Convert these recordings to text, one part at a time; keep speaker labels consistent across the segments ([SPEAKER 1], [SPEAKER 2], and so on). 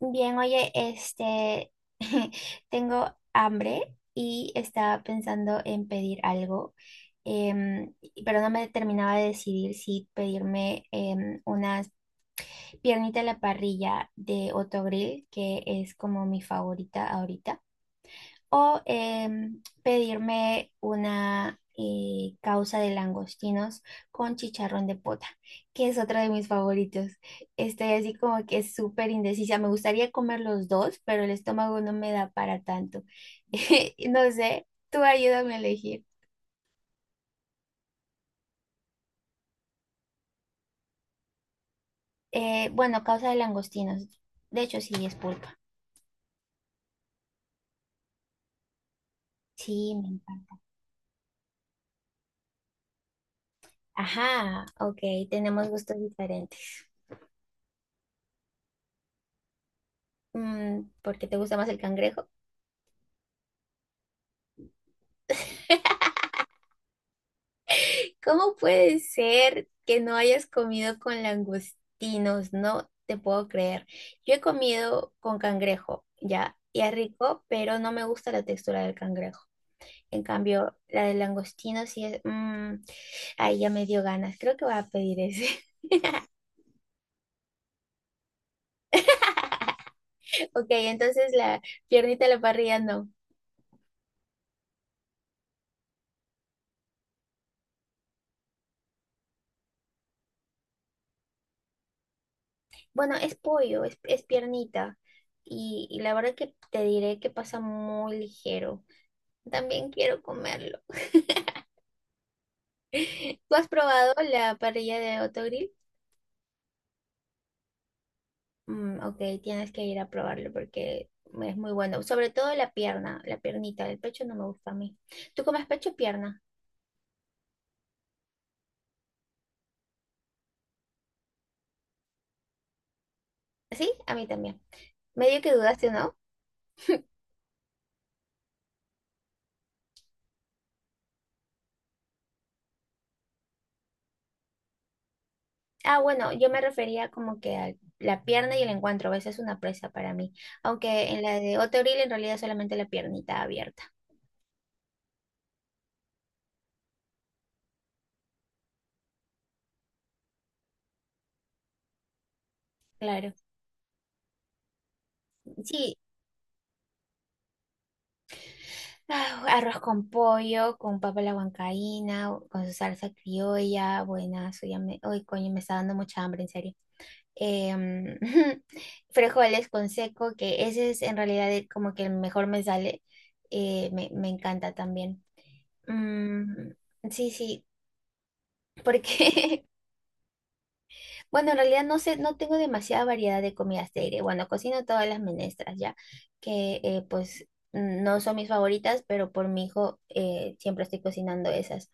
[SPEAKER 1] Bien, oye, tengo hambre y estaba pensando en pedir algo, em, pero no me terminaba de decidir si pedirme unas piernitas a la parrilla de Otto Grill, que es como mi favorita ahorita, o pedirme una causa de langostinos con chicharrón de pota, que es otro de mis favoritos. Estoy así como que súper indecisa. Me gustaría comer los dos, pero el estómago no me da para tanto. No sé, tú ayúdame a elegir. Bueno, causa de langostinos. De hecho, sí, es pulpa. Sí, me encanta. Ajá, ok, tenemos gustos diferentes. Mm, ¿por qué te gusta más el cangrejo? ¿Cómo puede ser que no hayas comido con langostinos? No te puedo creer. Yo he comido con cangrejo, ya, y es rico, pero no me gusta la textura del cangrejo. En cambio, la del langostino sí es... mm, ay, ya me dio ganas. Creo que voy a pedir ese. Ok, entonces la piernita a la parrilla no. Bueno, es pollo, es piernita. Y la verdad que te diré que pasa muy ligero. También quiero comerlo. ¿Tú has probado la parrilla de Autogrill? Mm, ok, tienes que ir a probarlo porque es muy bueno. Sobre todo la pierna, la piernita, el pecho no me gusta a mí. ¿Tú comes pecho o pierna? ¿Sí? A mí también. Medio que dudaste, ¿no? Ah, bueno, yo me refería como que a la pierna y el encuentro. A veces es una presa para mí. Aunque en la de Autogrill en realidad es solamente la piernita abierta. Claro. Sí, ah, arroz con pollo, con papa a la huancaína, con su salsa criolla, buenazo, ya me, uy, coño, me está dando mucha hambre, en serio. Em, frijoles con seco, que ese es en realidad como que el mejor me sale, me encanta también. Mm, sí, porque Bueno, en realidad no sé, no tengo demasiada variedad de comidas de aire. Bueno, cocino todas las menestras ya, que pues no son mis favoritas, pero por mi hijo siempre estoy cocinando esas.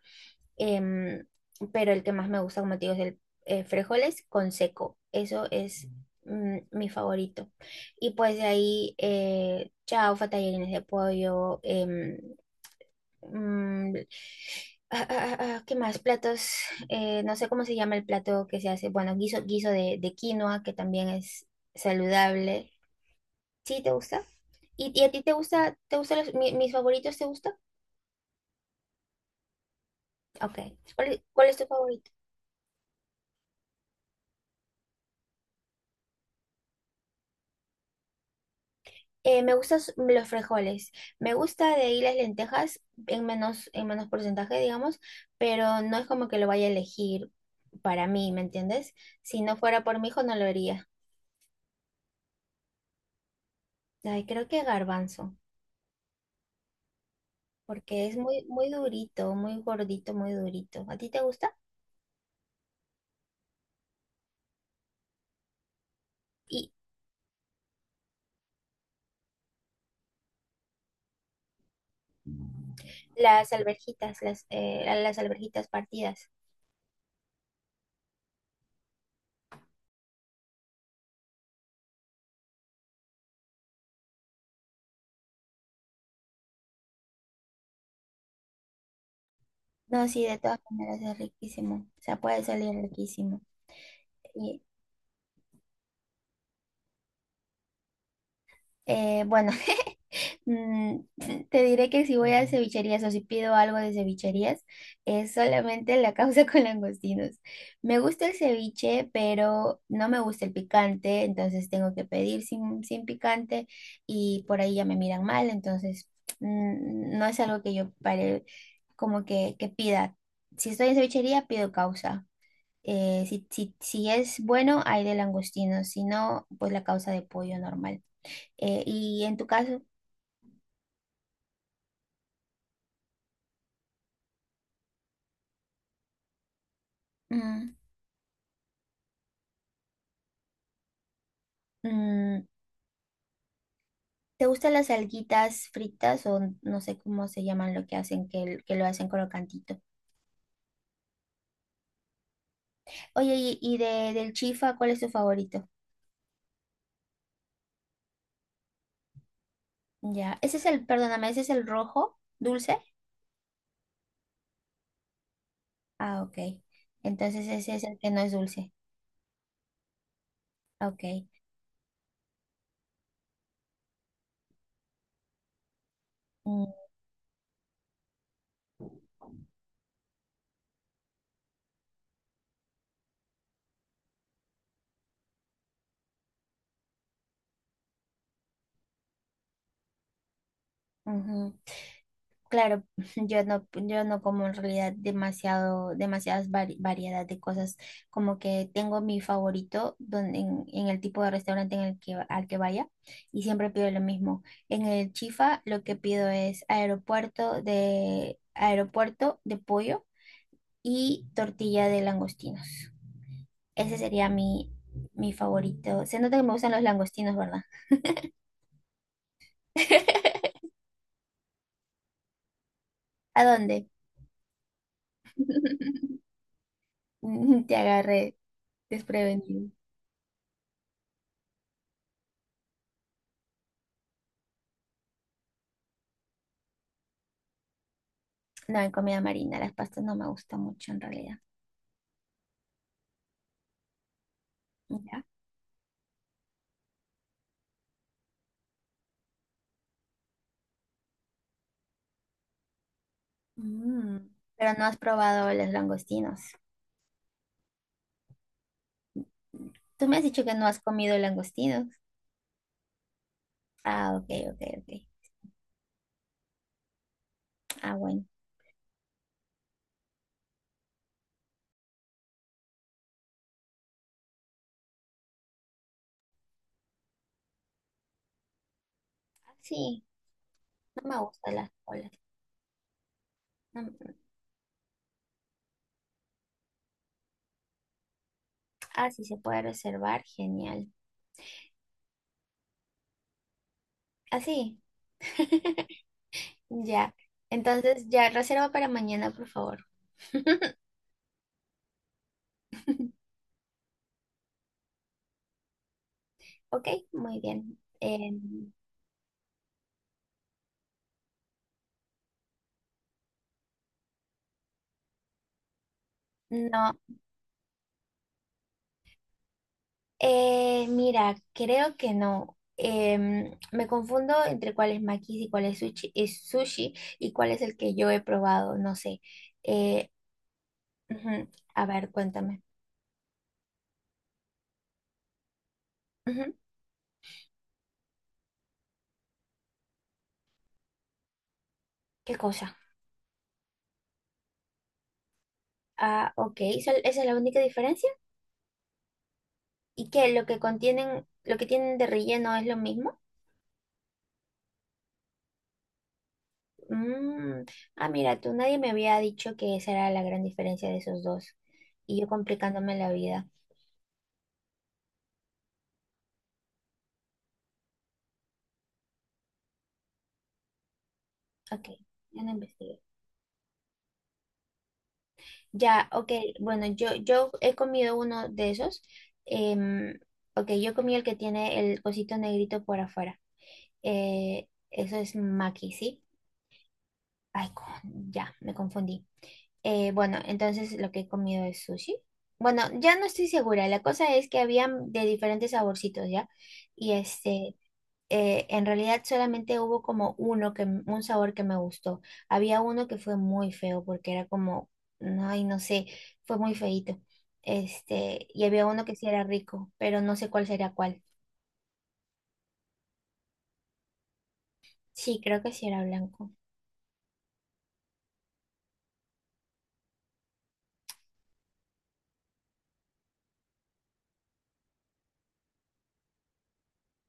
[SPEAKER 1] Em, pero el que más me gusta, como te digo, es el frijoles con seco. Eso es mi favorito. Y pues de ahí, chaufa, tallarines de pollo, mm, ¿qué más? Platos, no sé cómo se llama el plato que se hace. Bueno, guiso de quinoa, que también es saludable. ¿Sí te gusta? ¿Y a ti te gusta, te gustan mis favoritos, te gusta? Ok. Cuál es tu favorito? Me gustan los frijoles. Me gusta de ahí las lentejas en menos porcentaje, digamos, pero no es como que lo vaya a elegir para mí, ¿me entiendes? Si no fuera por mi hijo, no lo haría. Ay, creo que garbanzo. Porque es muy, muy durito, muy gordito, muy durito. ¿A ti te gusta? Y las alverjitas, las alverjitas partidas. No, sí, de todas maneras es riquísimo. O sea, puede salir riquísimo. Y bueno. Te diré que si voy a cevicherías o si pido algo de cevicherías, es solamente la causa con langostinos. Me gusta el ceviche, pero no me gusta el picante, entonces tengo que pedir sin picante y por ahí ya me miran mal, entonces mm, no es algo que yo pare, que pida. Si estoy en cevichería, pido causa. Si es bueno, hay de langostinos, si no, pues la causa de pollo normal. Y en tu caso... mm, mm, ¿te gustan las alguitas fritas o no sé cómo se llaman lo que hacen, que lo hacen crocantito? Oye, y del chifa, ¿cuál es tu favorito? Ya, ese es el, perdóname, ese es el rojo, dulce. Ah, ok. Entonces ese es el que no es dulce. Ok. Mm, ujú. Claro, yo no como en realidad demasiadas variedad de cosas. Como que tengo mi favorito en el tipo de restaurante en el al que vaya y siempre pido lo mismo. En el Chifa lo que pido es aeropuerto de pollo y tortilla de langostinos. Ese sería mi favorito. Se nota que me gustan los langostinos, ¿verdad? ¿A dónde? Te agarré desprevenido. No, en comida marina, las pastas no me gustan mucho en realidad. ¿Ya? Mm. Pero no has probado los langostinos. Tú me has dicho que no has comido langostinos. Ah, ok. Ah, bueno. Ah, sí, no me gustan las colas. No me- Ah, sí, se puede reservar. Genial. Ah, sí. Ya. Entonces, ya, reserva para mañana, por favor. Ok, muy bien. No. Mira, creo que no. Me confundo entre cuál es Makis y cuál es sushi y cuál es el que yo he probado, no sé. Eh, ujú, a ver, cuéntame. Ujú, ¿qué cosa? Ah, ok, esa es la única diferencia? ¿Y qué? ¿Lo que contienen, lo que tienen de relleno es lo mismo? Mm, ah, mira, tú nadie me había dicho que esa era la gran diferencia de esos dos. Y yo complicándome la vida. Ok, ya no investigué. Ya, ok, yo he comido uno de esos. em, ok, yo comí el que tiene el cosito negrito por afuera. Eso es maki, ¿sí? Ay, ya, me confundí. Bueno, entonces lo que he comido es sushi. Bueno, ya no estoy segura. La cosa es que había de diferentes saborcitos, ¿ya? Y este, en realidad solamente hubo como uno un sabor que me gustó. Había uno que fue muy feo porque era como, no, ay, no sé, fue muy feíto. Este, y había uno que sí era rico, pero no sé cuál sería cuál. Sí, creo que sí era blanco.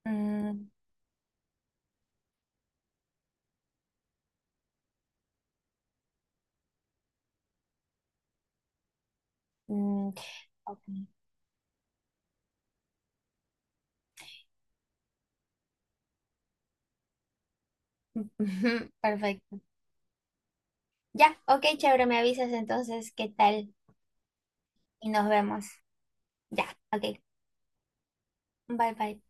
[SPEAKER 1] Mm, mm, ok. Perfecto. Ya, ok, chévere, me avisas entonces qué tal y nos vemos. Ya, ok. Bye bye.